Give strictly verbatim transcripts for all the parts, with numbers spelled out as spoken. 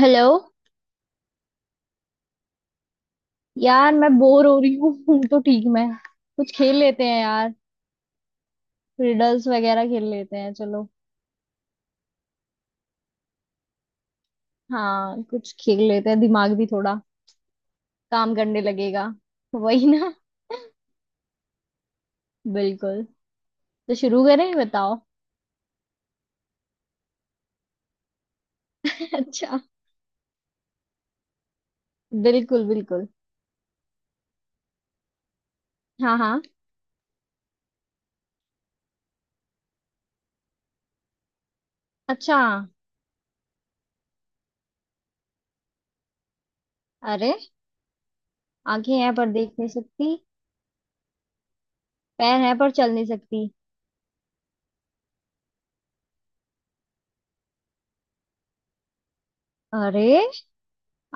Hello. यार मैं bore हो रही हूँ तो ठीक मैं कुछ खेल लेते हैं यार। रिडल्स वगैरह खेल लेते हैं चलो। हाँ, कुछ खेल लेते हैं, दिमाग भी थोड़ा काम करने लगेगा। वही ना। बिल्कुल। तो शुरू करें, बताओ। अच्छा। बिल्कुल बिल्कुल। हाँ हाँ। अच्छा। अरे। आंखें हैं पर देख नहीं सकती। पैर हैं पर चल नहीं सकती। अरे।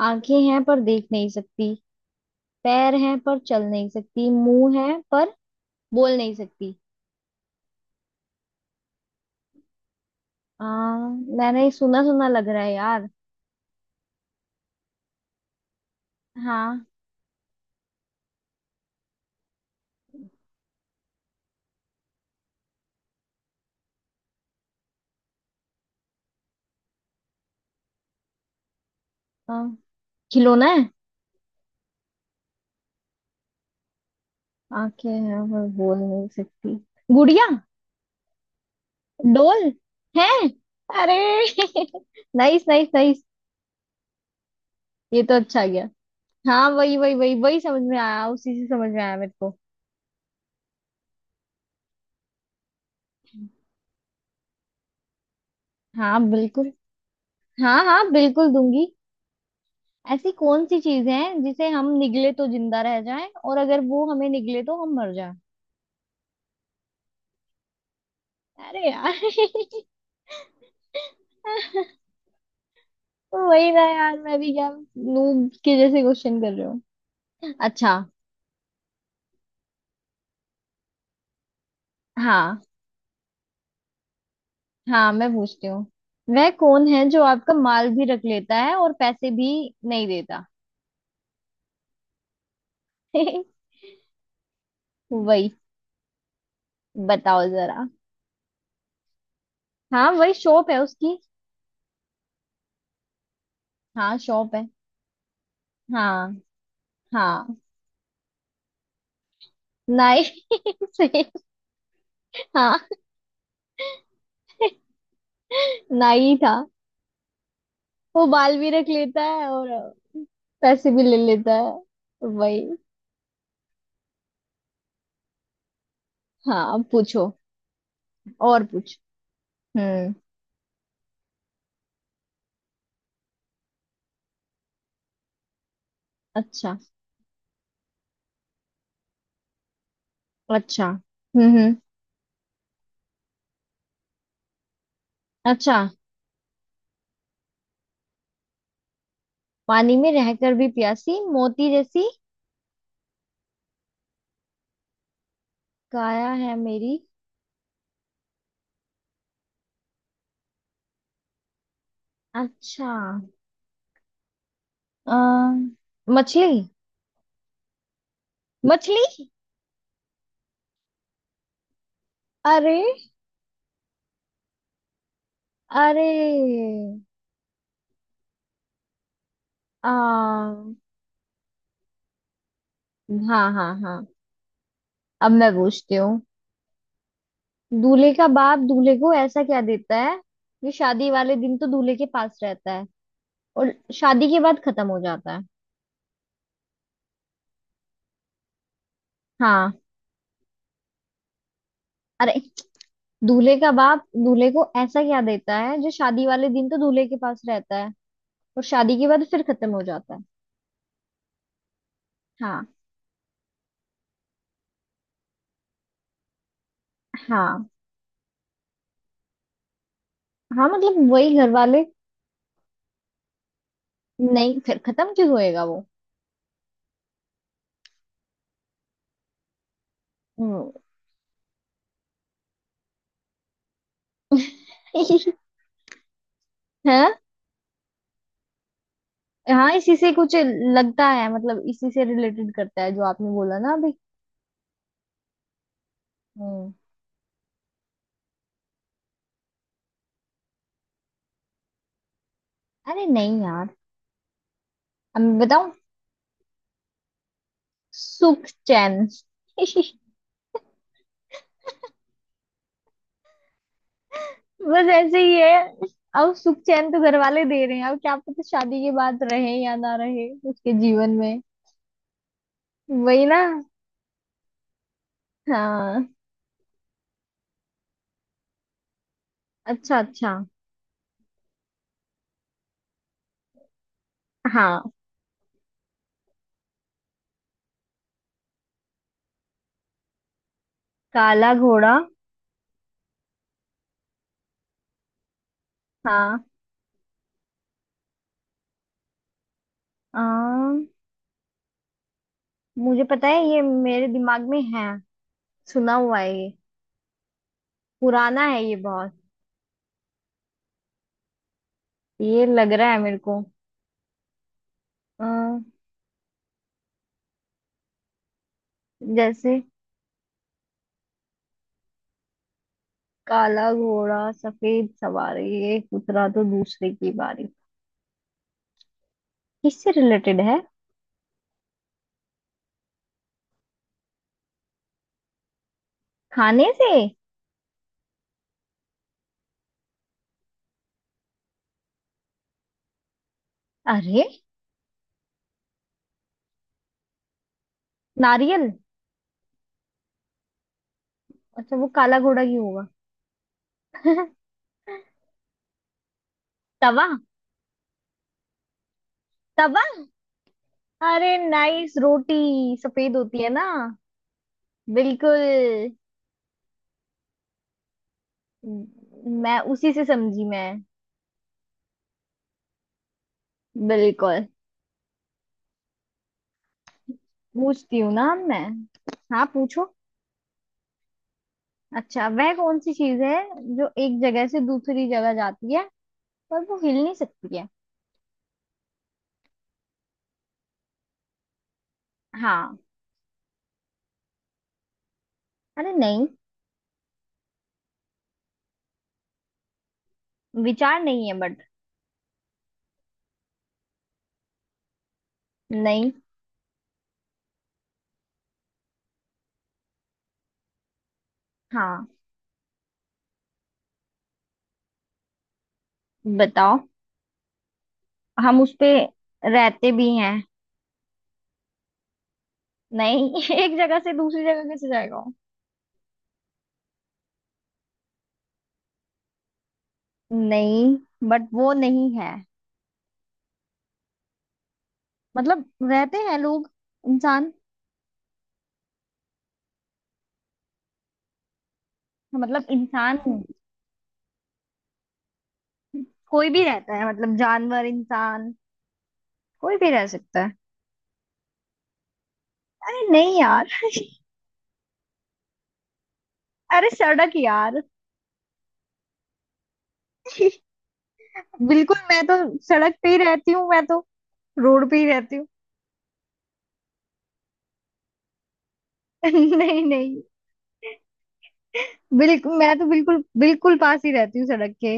आंखें हैं पर देख नहीं सकती। पैर हैं पर चल नहीं सकती। मुंह है पर बोल नहीं सकती। हाँ, मैंने सुना सुना लग रहा है यार। हाँ हाँ, खिलौना है। आंखें हैं पर बोल नहीं सकती। गुड़िया। डोल है। अरे। Nice nice nice. ये तो अच्छा गया। हाँ, वही वही वही वही समझ में आया। उसी से समझ में आया मेरे को। हाँ बिल्कुल। हाँ हाँ बिल्कुल दूंगी। ऐसी कौन सी चीज है जिसे हम निगले तो जिंदा रह जाएं, और अगर वो हमें निगले तो हम मर जाएं? अरे यार। वही ना यार। मैं भी क्या। नूब के जैसे क्वेश्चन कर रहे हो। अच्छा। हाँ हाँ, मैं पूछती हूँ। वह कौन है जो आपका माल भी रख लेता है और पैसे भी नहीं देता? वही। बताओ जरा। हाँ, वही शॉप है उसकी। हाँ, शॉप है। हाँ हाँ। नाई से। हाँ, नाई था। वो बाल भी रख लेता है और पैसे भी ले लेता है। वही। हाँ पूछो। और पूछो। हम्म। अच्छा अच्छा। हम्म हम्म। अच्छा। पानी में रहकर भी प्यासी, मोती जैसी काया है मेरी। अच्छा। आ, मछली। मछली। अरे। अरे। आ, हाँ। हाँ हाँ। अब मैं पूछती हूँ। दूल्हे का बाप दूल्हे को ऐसा क्या देता है जो शादी वाले दिन तो दूल्हे के पास रहता है और शादी के बाद खत्म हो जाता है? हाँ। अरे, दूल्हे का बाप दूल्हे को ऐसा क्या देता है जो शादी वाले दिन तो दूल्हे के पास रहता है और शादी के बाद फिर खत्म हो जाता है? हाँ। हाँ हाँ, मतलब वही घर वाले। नहीं, फिर खत्म क्यों होएगा वो? हम्म। है। हाँ, इसी से कुछ लगता है, मतलब इसी से रिलेटेड करता है जो आपने बोला ना अभी। हम्म। अरे नहीं यार, अब मैं बताऊं। सुख चैन। बस ऐसे ही है। अब सुख चैन तो घर वाले दे रहे हैं, अब क्या पता शादी के बाद रहे या ना रहे उसके जीवन में। वही ना। हाँ। अच्छा अच्छा। हाँ। काला घोड़ा। हाँ। आ, मुझे पता है, ये मेरे दिमाग में है। सुना हुआ है ये। पुराना है ये बहुत। ये लग रहा है मेरे को। अ, जैसे। काला घोड़ा सफेद सवारी, एक उतरा तो दूसरे की बारी। किससे रिलेटेड है? खाने से? अरे। नारियल। अच्छा, वो काला घोड़ा क्यों होगा? तवा। तवा। अरे नाइस, रोटी सफेद होती है ना। बिल्कुल। मैं उसी से समझी मैं। बिल्कुल। पूछती हूँ ना मैं। हाँ पूछो। अच्छा, वह कौन सी चीज है जो एक जगह से दूसरी जगह जाती है पर वो हिल नहीं सकती है? हाँ। अरे नहीं, विचार नहीं है बट। नहीं। हाँ। बताओ। हम उस पे रहते भी हैं। नहीं। एक जगह से दूसरी जगह कैसे जाएगा वो? नहीं, बट वो नहीं है। मतलब, रहते हैं लोग इंसान। मतलब इंसान, कोई भी रहता है, मतलब जानवर इंसान, कोई भी रह सकता है। अरे नहीं यार। अरे सड़क यार। बिल्कुल, मैं तो सड़क पे ही रहती हूँ। मैं तो रोड पे ही रहती हूँ। नहीं नहीं। बिल्कुल, मैं तो बिल्कुल बिल्कुल पास ही रहती हूँ सड़क के।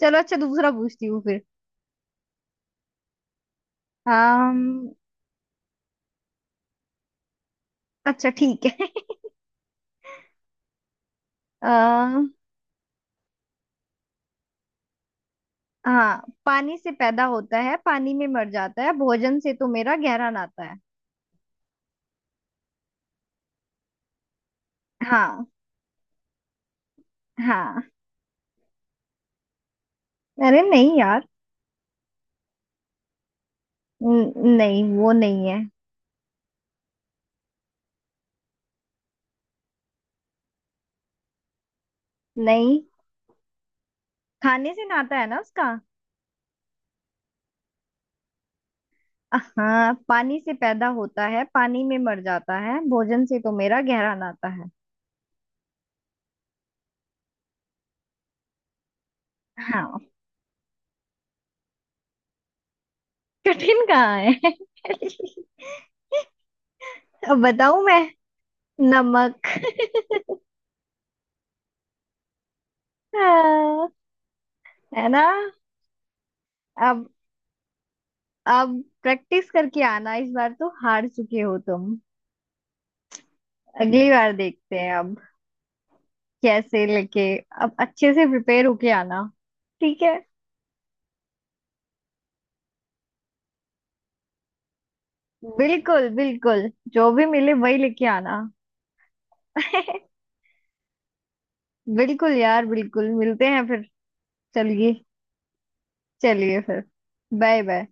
चलो, अच्छा दूसरा पूछती हूँ फिर। अम्म, अच्छा ठीक है। आ, हाँ, पानी से पैदा होता है पानी में मर जाता है, भोजन से तो मेरा गहरा नाता है। हाँ। हाँ। अरे नहीं यार। न- नहीं, वो नहीं है। नहीं, खाने से नाता है ना उसका। हाँ, पानी से पैदा होता है पानी में मर जाता है, भोजन से तो मेरा गहरा नाता है। हाँ। कठिन कहाँ है। अब बताऊं मैं? नमक। हाँ, है ना। अब अब प्रैक्टिस करके आना, इस बार तो हार चुके हो तुम। अगली बार देखते हैं, अब कैसे लेके अब अच्छे से प्रिपेयर होके आना, ठीक है। बिल्कुल बिल्कुल, जो भी मिले वही लेके आना। बिल्कुल यार बिल्कुल, मिलते हैं फिर। चलिए। चलिए फिर। Bye bye.